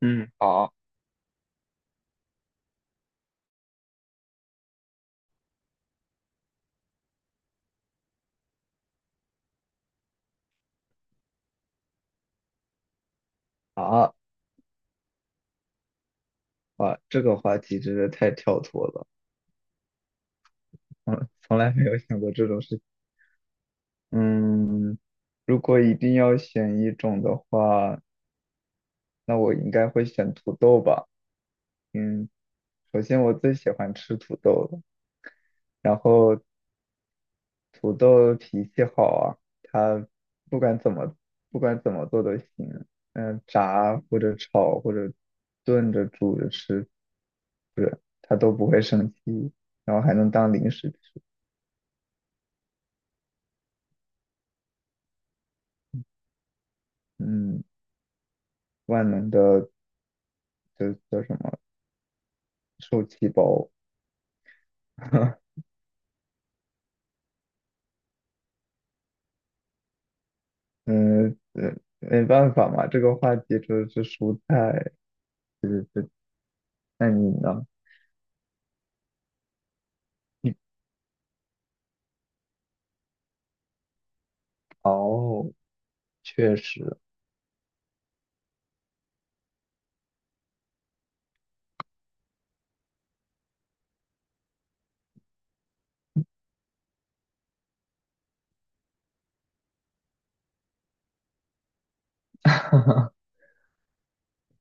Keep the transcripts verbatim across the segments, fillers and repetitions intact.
嗯，好。啊，哇，这个话题真的太跳脱了。嗯，从来没有想过这种事情。嗯，如果一定要选一种的话，那我应该会选土豆吧。嗯，首先我最喜欢吃土豆了，然后土豆脾气好啊，它不管怎么不管怎么做都行。嗯，炸或者炒或者炖着煮着吃，不是，它都不会生气，然后还能当零食吃。嗯。万能的，就叫什么受气包。嗯，呃没办法嘛，这个话题就是蔬菜，对对对。那你呢？哦，确实，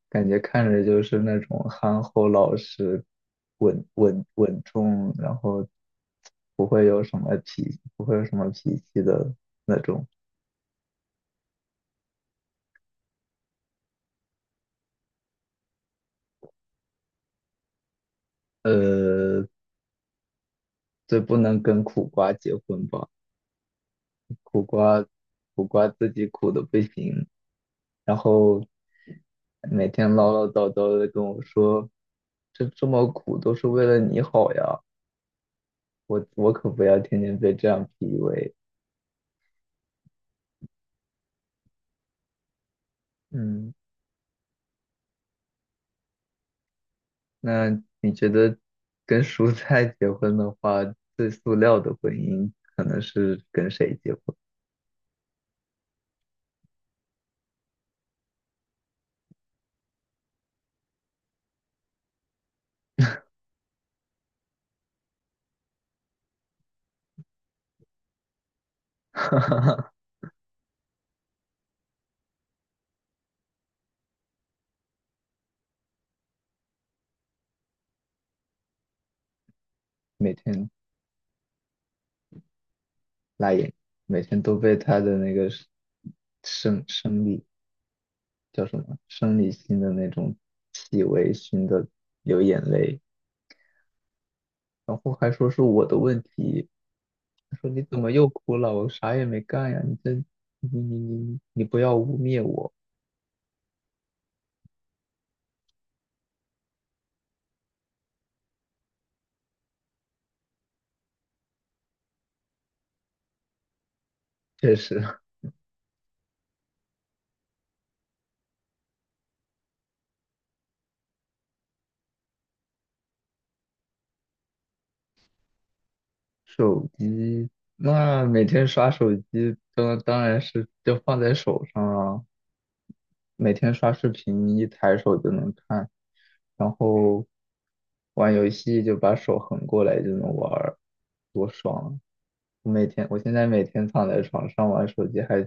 感觉看着就是那种憨厚老实、稳稳稳重，然后不会有什么脾，不会有什么脾气的那种。呃，最不能跟苦瓜结婚吧？苦瓜，苦瓜自己苦的不行，然后每天唠唠叨叨的跟我说，这这么苦都是为了你好呀，我我可不要天天被这样 P U A。嗯，那你觉得跟蔬菜结婚的话，最塑料的婚姻可能是跟谁结婚？每天辣眼，每天都被他的那个生生理叫什么生理性的那种气味熏得流眼泪。然后还说是我的问题，说你怎么又哭了？我啥也没干呀！你这，你你你你不要污蔑我！确实，手机那每天刷手机，当当然是就放在手上啊，每天刷视频，一抬手就能看。然后玩游戏就把手横过来就能玩儿，多爽啊。我每天，我现在每天躺在床上玩手机还，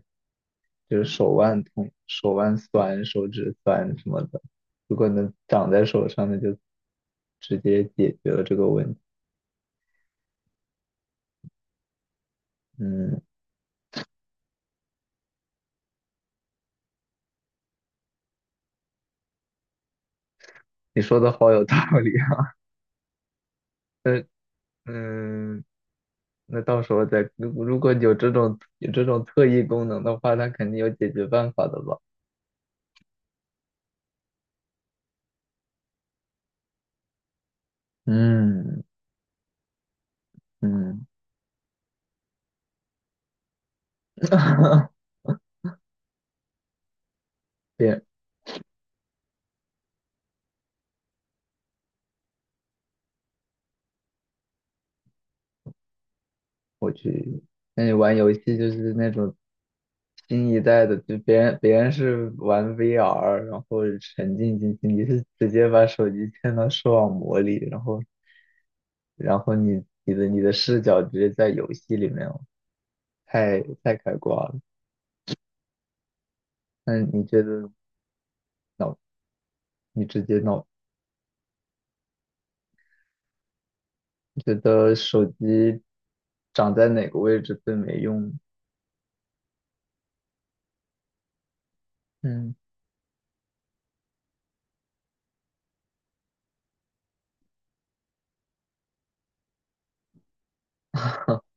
就是手腕痛、手腕酸、手指酸什么的。如果能长在手上，那就直接解决了这个问题。嗯，你说的好有道理啊。那嗯，那到时候再，如如果有这种有这种特异功能的话，它肯定有解决办法的吧？嗯嗯，别我去，那你玩游戏就是那种新一代的，就别人别人是玩 V R，然后沉浸进去，你是直接把手机嵌到视网膜里，然后然后你你的你的视角直接在游戏里面哦，太太开挂了。那你觉得脑，你直接脑，你觉得手机长在哪个位置最没用？嗯，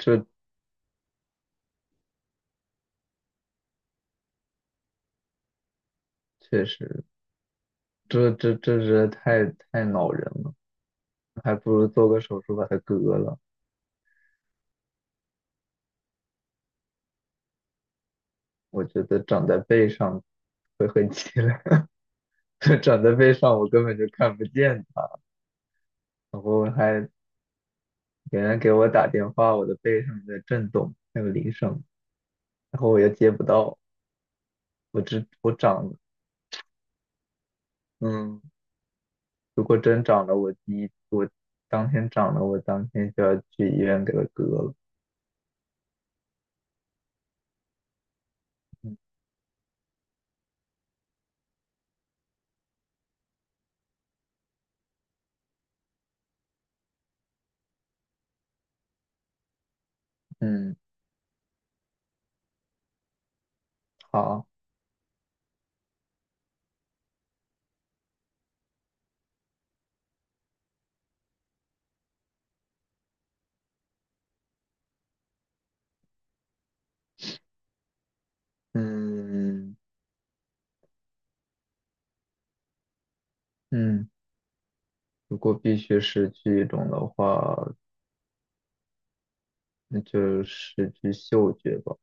这确实，这这这是太太恼人了。还不如做个手术把它割了。我觉得长在背上会很凄凉，就长在背上我根本就看不见它。然后还别人给我打电话，我的背上在震动，那个铃声，然后我又接不到。我只我长了，嗯，如果真长了，我第一我当天长了，我当天就要去医院给它割了。嗯嗯，好，嗯嗯，如果必须失去一种的话，那就失去嗅觉吧。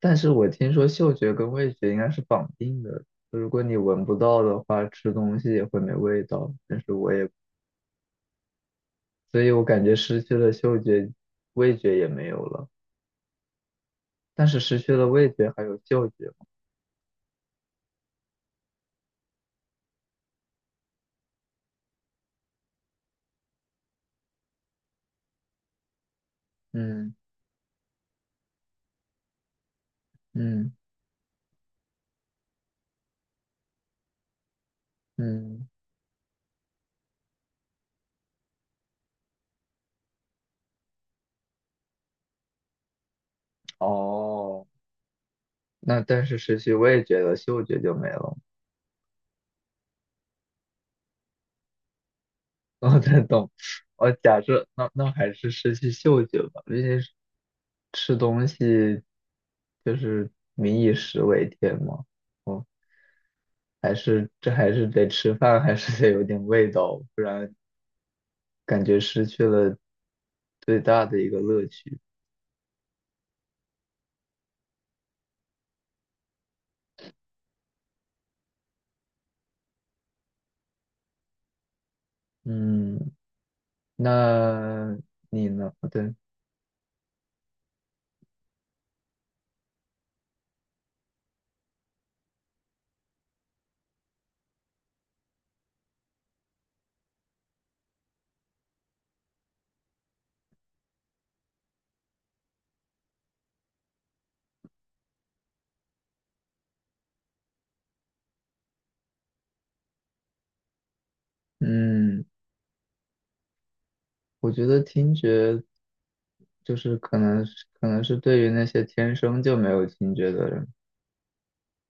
但是我听说嗅觉跟味觉应该是绑定的，如果你闻不到的话，吃东西也会没味道。但是我也，所以我感觉失去了嗅觉，味觉也没有了。但是失去了味觉还有嗅觉吗？嗯嗯嗯，哦，那但是失去味觉了，嗅觉就没了吗？我才再动，我假设那那还是失去嗅觉吧，毕竟是吃东西，就是民以食为天嘛。哦，还是这还是得吃饭，还是得有点味道，不然感觉失去了最大的一个乐趣。嗯，那你呢？对，嗯，我觉得听觉就是可能是可能是对于那些天生就没有听觉的人。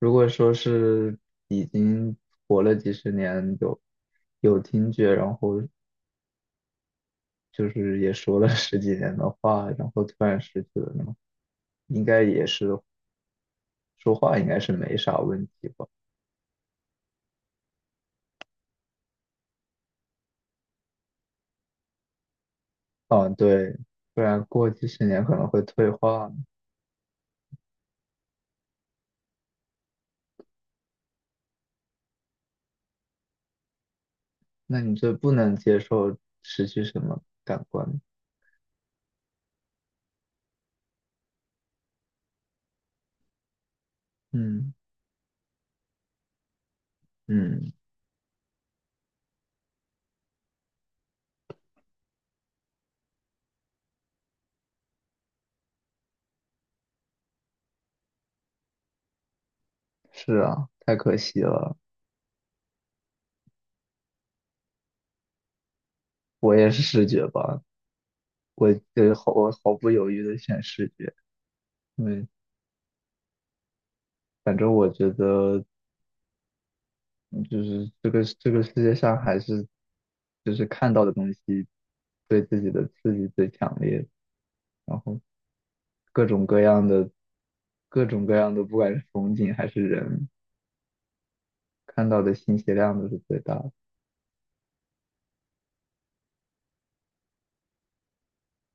如果说是已经活了几十年，有有听觉，然后就是也说了 十几年的话，然后突然失去了呢，应该也是说话应该是没啥问题吧？啊，对，不然过几十年可能会退化。那你就不能接受失去什么感官？嗯嗯，是啊，太可惜了。我也是视觉吧，我呃毫我毫不犹豫的选视觉。因为反正我觉得嗯就是这个这个世界上还是就是看到的东西对自己的刺激最强烈，然后各种各样的各种各样的，不管是风景还是人，看到的信息量都是最大的。